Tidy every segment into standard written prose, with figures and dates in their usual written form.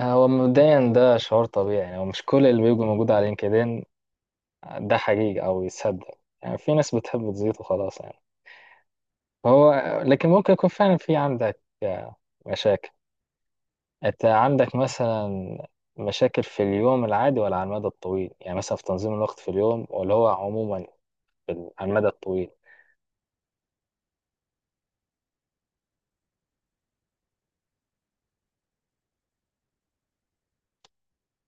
هو مبدئيا ده شعور طبيعي، يعني هو مش كل اللي بيبقى موجود على لينكدين ده حقيقي او يتصدق. يعني في ناس بتحب تزيط وخلاص يعني. هو لكن ممكن يكون فعلا في عندك مشاكل. انت عندك مثلا مشاكل في اليوم العادي ولا على المدى الطويل؟ يعني مثلا في تنظيم الوقت في اليوم، ولا هو عموما على المدى الطويل؟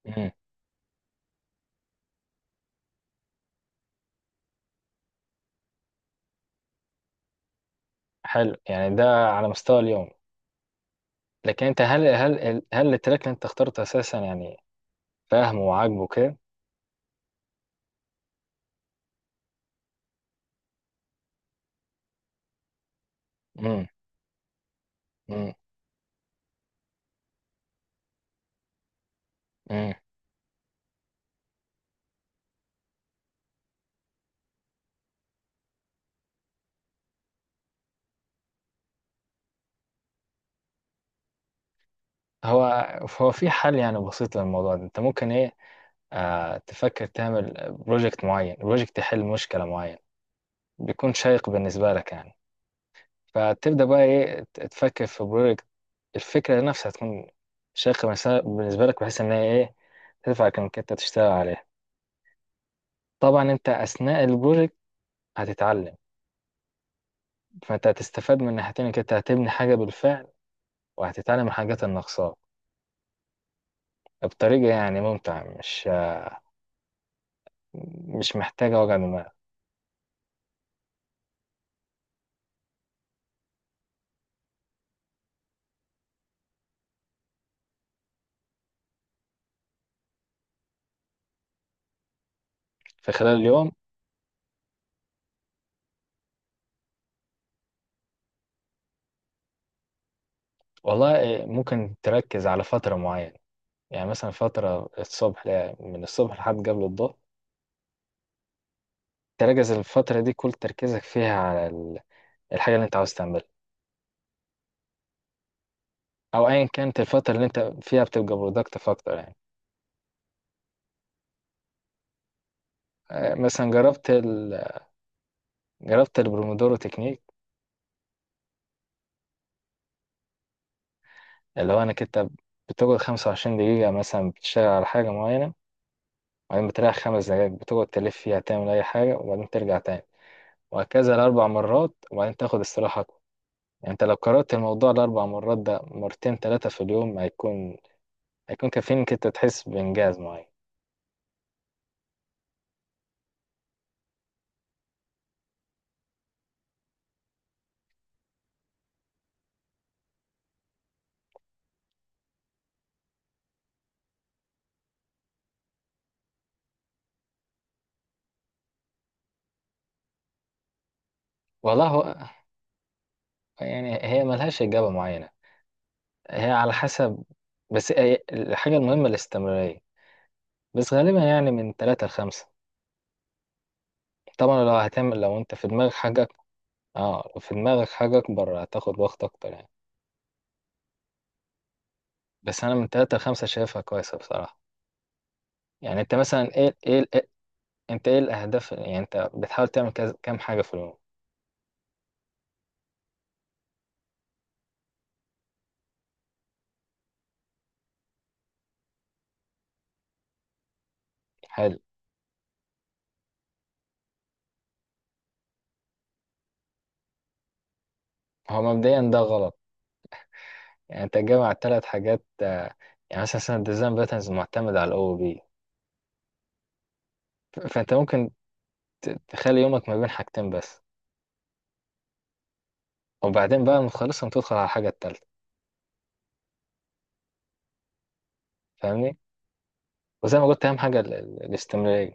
امم حلو، يعني ده على مستوى اليوم. لكن انت هل التراك اللي انت اخترته اساسا يعني فاهمه وعاجبه كده؟ امم امم هو هو في حل يعني بسيط للموضوع ده. انت ممكن ايه، تفكر تعمل بروجكت معين، بروجكت يحل مشكلة معينة بيكون شيق بالنسبة لك يعني. فتبدأ بقى ايه، تفكر في بروجكت الفكرة نفسها تكون شيقة بالنسبة لك، بحيث ان هي ايه تدفعك انك انت تشتغل عليها. طبعا انت اثناء البروجكت هتتعلم، فانت هتستفاد من ناحيتين، انك انت هتبني حاجة بالفعل وهتتعلم الحاجات الناقصاك بطريقة يعني ممتعة، مش محتاجة وجع دماغ. في خلال اليوم، والله ممكن تركز على فترة معينة. يعني مثلا فترة الصبح، من الصبح لحد قبل الظهر تركز الفترة دي كل تركيزك فيها على الحاجة اللي انت عاوز تعملها، أو أيا كانت الفترة اللي انت فيها بتبقى برودكتيف أكتر يعني. مثلا جربت جربت البرومودورو تكنيك، اللي هو انك انت بتقعد 25 دقيقة مثلا بتشتغل على حاجة معينة، وبعدين بتريح خمس دقايق بتقعد تلف فيها تعمل أي حاجة وبعدين ترجع تاني، وهكذا لأربع مرات وبعدين تاخد استراحة. يعني انت لو كررت الموضوع الاربع مرات ده مرتين ثلاثه في اليوم، هيكون هيكون كافيين انك انت تحس بانجاز معين. والله هو يعني هي ملهاش اجابه معينه، هي على حسب. بس الحاجه المهمه الاستمراريه. بس غالبا يعني من ثلاثه لخمسه. طبعا لو هتعمل، لو انت في دماغك حاجه اه لو في دماغك حاجه اكبر هتاخد وقت اكتر يعني. بس انا من ثلاثه لخمسه شايفها كويسه بصراحه. يعني انت مثلا انت ايه الاهداف، يعني انت بتحاول تعمل كام حاجه في اليوم؟ حلو. هو مبدئيا ده غلط، يعني انت جامع ثلاث حاجات يعني مثلا الديزاين باترنز معتمد على الاو بي، فانت ممكن تخلي يومك ما بين حاجتين بس، وبعدين بقى لما تخلصهم تدخل على الحاجة التالتة. فاهمني، وزي ما قلت اهم حاجة الاستمرارية.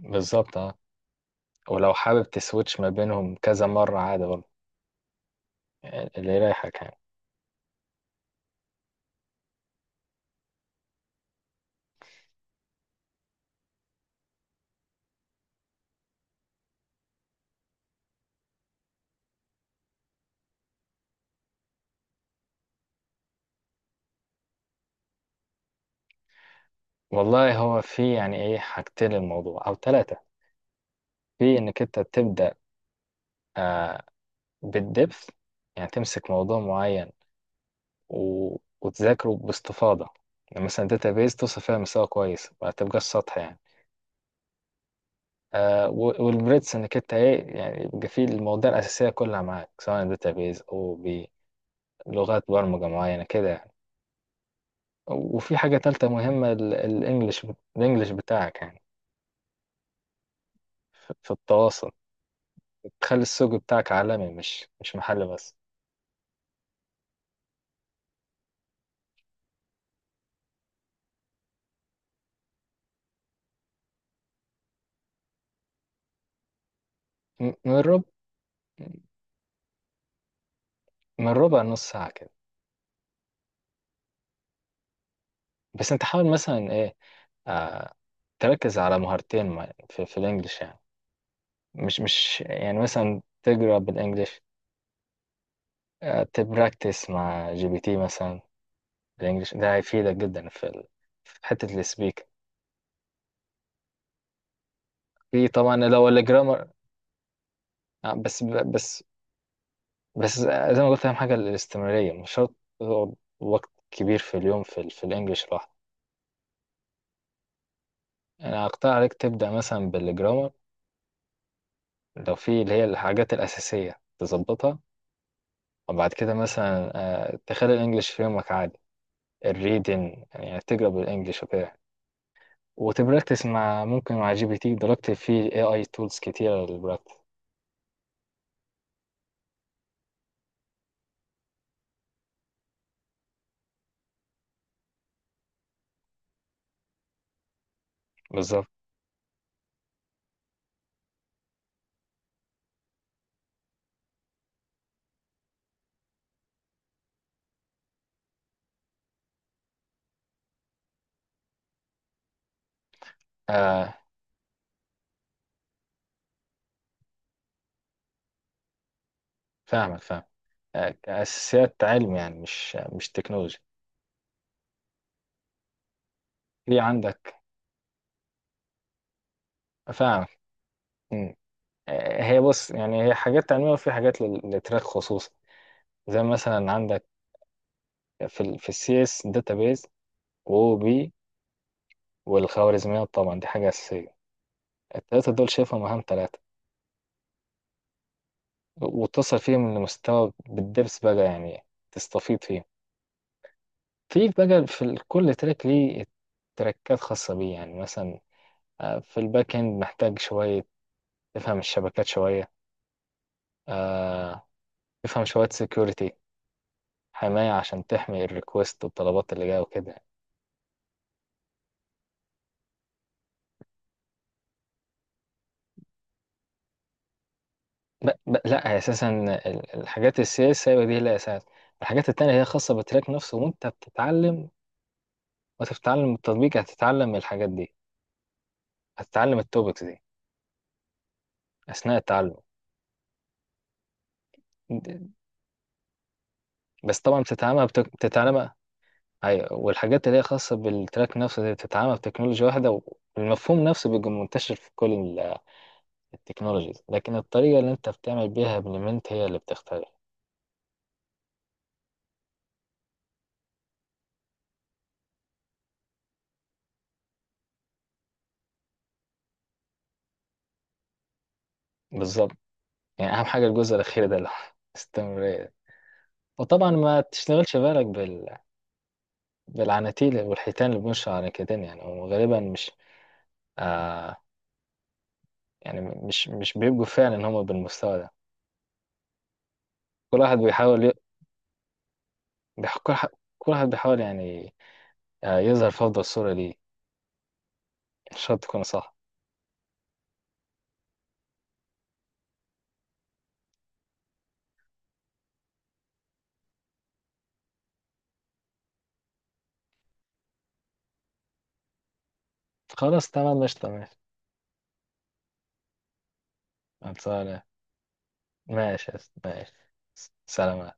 بالظبط اه. ولو حابب تسويتش ما بينهم كذا مرة عادي برضه، يعني اللي يريحك يعني. والله هو في يعني ايه حاجتين للموضوع او ثلاثة. في انك انت تبدأ آه بالدبث، يعني تمسك موضوع معين وتذاكره باستفاضة، يعني مثلا بيز توصل فيها مستوى كويس، ما تبقاش سطح يعني. والبريدس انك انت ايه، يعني يبقى فيه المواضيع الأساسية كلها معاك سواء بيز أو بلغات برمجة معينة كده يعني. وفي حاجة تالتة مهمة، الإنجليش. الإنجليش بتاعك يعني في في التواصل، تخلي السوق بتاعك عالمي مش محلي بس. م- من ربع من ربع نص ساعة كده. بس انت حاول مثلا ايه آه تركز على مهارتين، في الإنجليش يعني. مش يعني مثلا تقرا بالانجلش، تبراكتس مع جي بي تي مثلا بالانجلش، ده هيفيدك جدا في في حته السبيك. في طبعا لو الجرامر، آه، بس بس بس زي ما قلت اهم حاجه الاستمراريه. مش شرط تقعد وقت كبير في اليوم في في الانجليش لوحده. انا اقترح عليك تبدا مثلا بالجرامر لو في اللي هي الحاجات الاساسيه تظبطها. وبعد كده مثلا تخلي الانجليش في يومك عادي، الريدن يعني تقرا بالانجليش وكده، وتبراكتس مع ممكن مع جي بي تي دلوقتي في اي اي تولز كتيرة للبراكتس. بالظبط. آه فاهمك فاهم. أساسيات علم يعني مش تكنولوجي. في عندك، فاهمك. مم. هي بص يعني هي حاجات علمية وفي حاجات للتراك خصوصا، زي مثلا عندك في السي اس، داتابيز، واو بي، والخوارزميات. طبعا دي حاجة أساسية، التلاتة دول شايفهم أهم تلاتة، وتصل فيهم لمستوى بالدبس بقى يعني تستفيد فيه. في بقى في كل تراك ليه تراكات خاصة بيه، يعني مثلا في الباك اند محتاج شوية تفهم الشبكات شوية. آه، تفهم شوية سيكوريتي، حماية عشان تحمي الريكوست والطلبات اللي جاية وكده. لا، أساسا الحاجات السي اس هي دي هي أساس. الحاجات التانية هي خاصة بالتراك نفسه، وأنت بتتعلم، وأنت بتتعلم التطبيق هتتعلم الحاجات دي، هتتعلم التوبكس دي أثناء التعلم. بس طبعا بتتعلمها. ايوه، والحاجات اللي هي خاصه بالتراك نفسه دي بتتعمل بتكنولوجيا واحده، والمفهوم نفسه بيبقى منتشر في كل التكنولوجيز، لكن الطريقه اللي انت بتعمل بيها امبلمنت هي اللي بتختلف. بالظبط. يعني اهم حاجه الجزء الاخير ده اللي هو استمرارية. وطبعا ما تشتغلش بالك بالعناتيل والحيتان اللي بيمشوا على كتان يعني، وغالبا مش آه يعني مش بيبقوا فعلا ان هم بالمستوى ده. كل واحد بيحاول ي... بيح... كل ح- كل واحد بيحاول يعني يظهر في افضل صوره ليه. مش شرط تكون صح. خلاص تمام، مش تمام. خلصانة. ماشي يا أسطى، ماشي. سلام.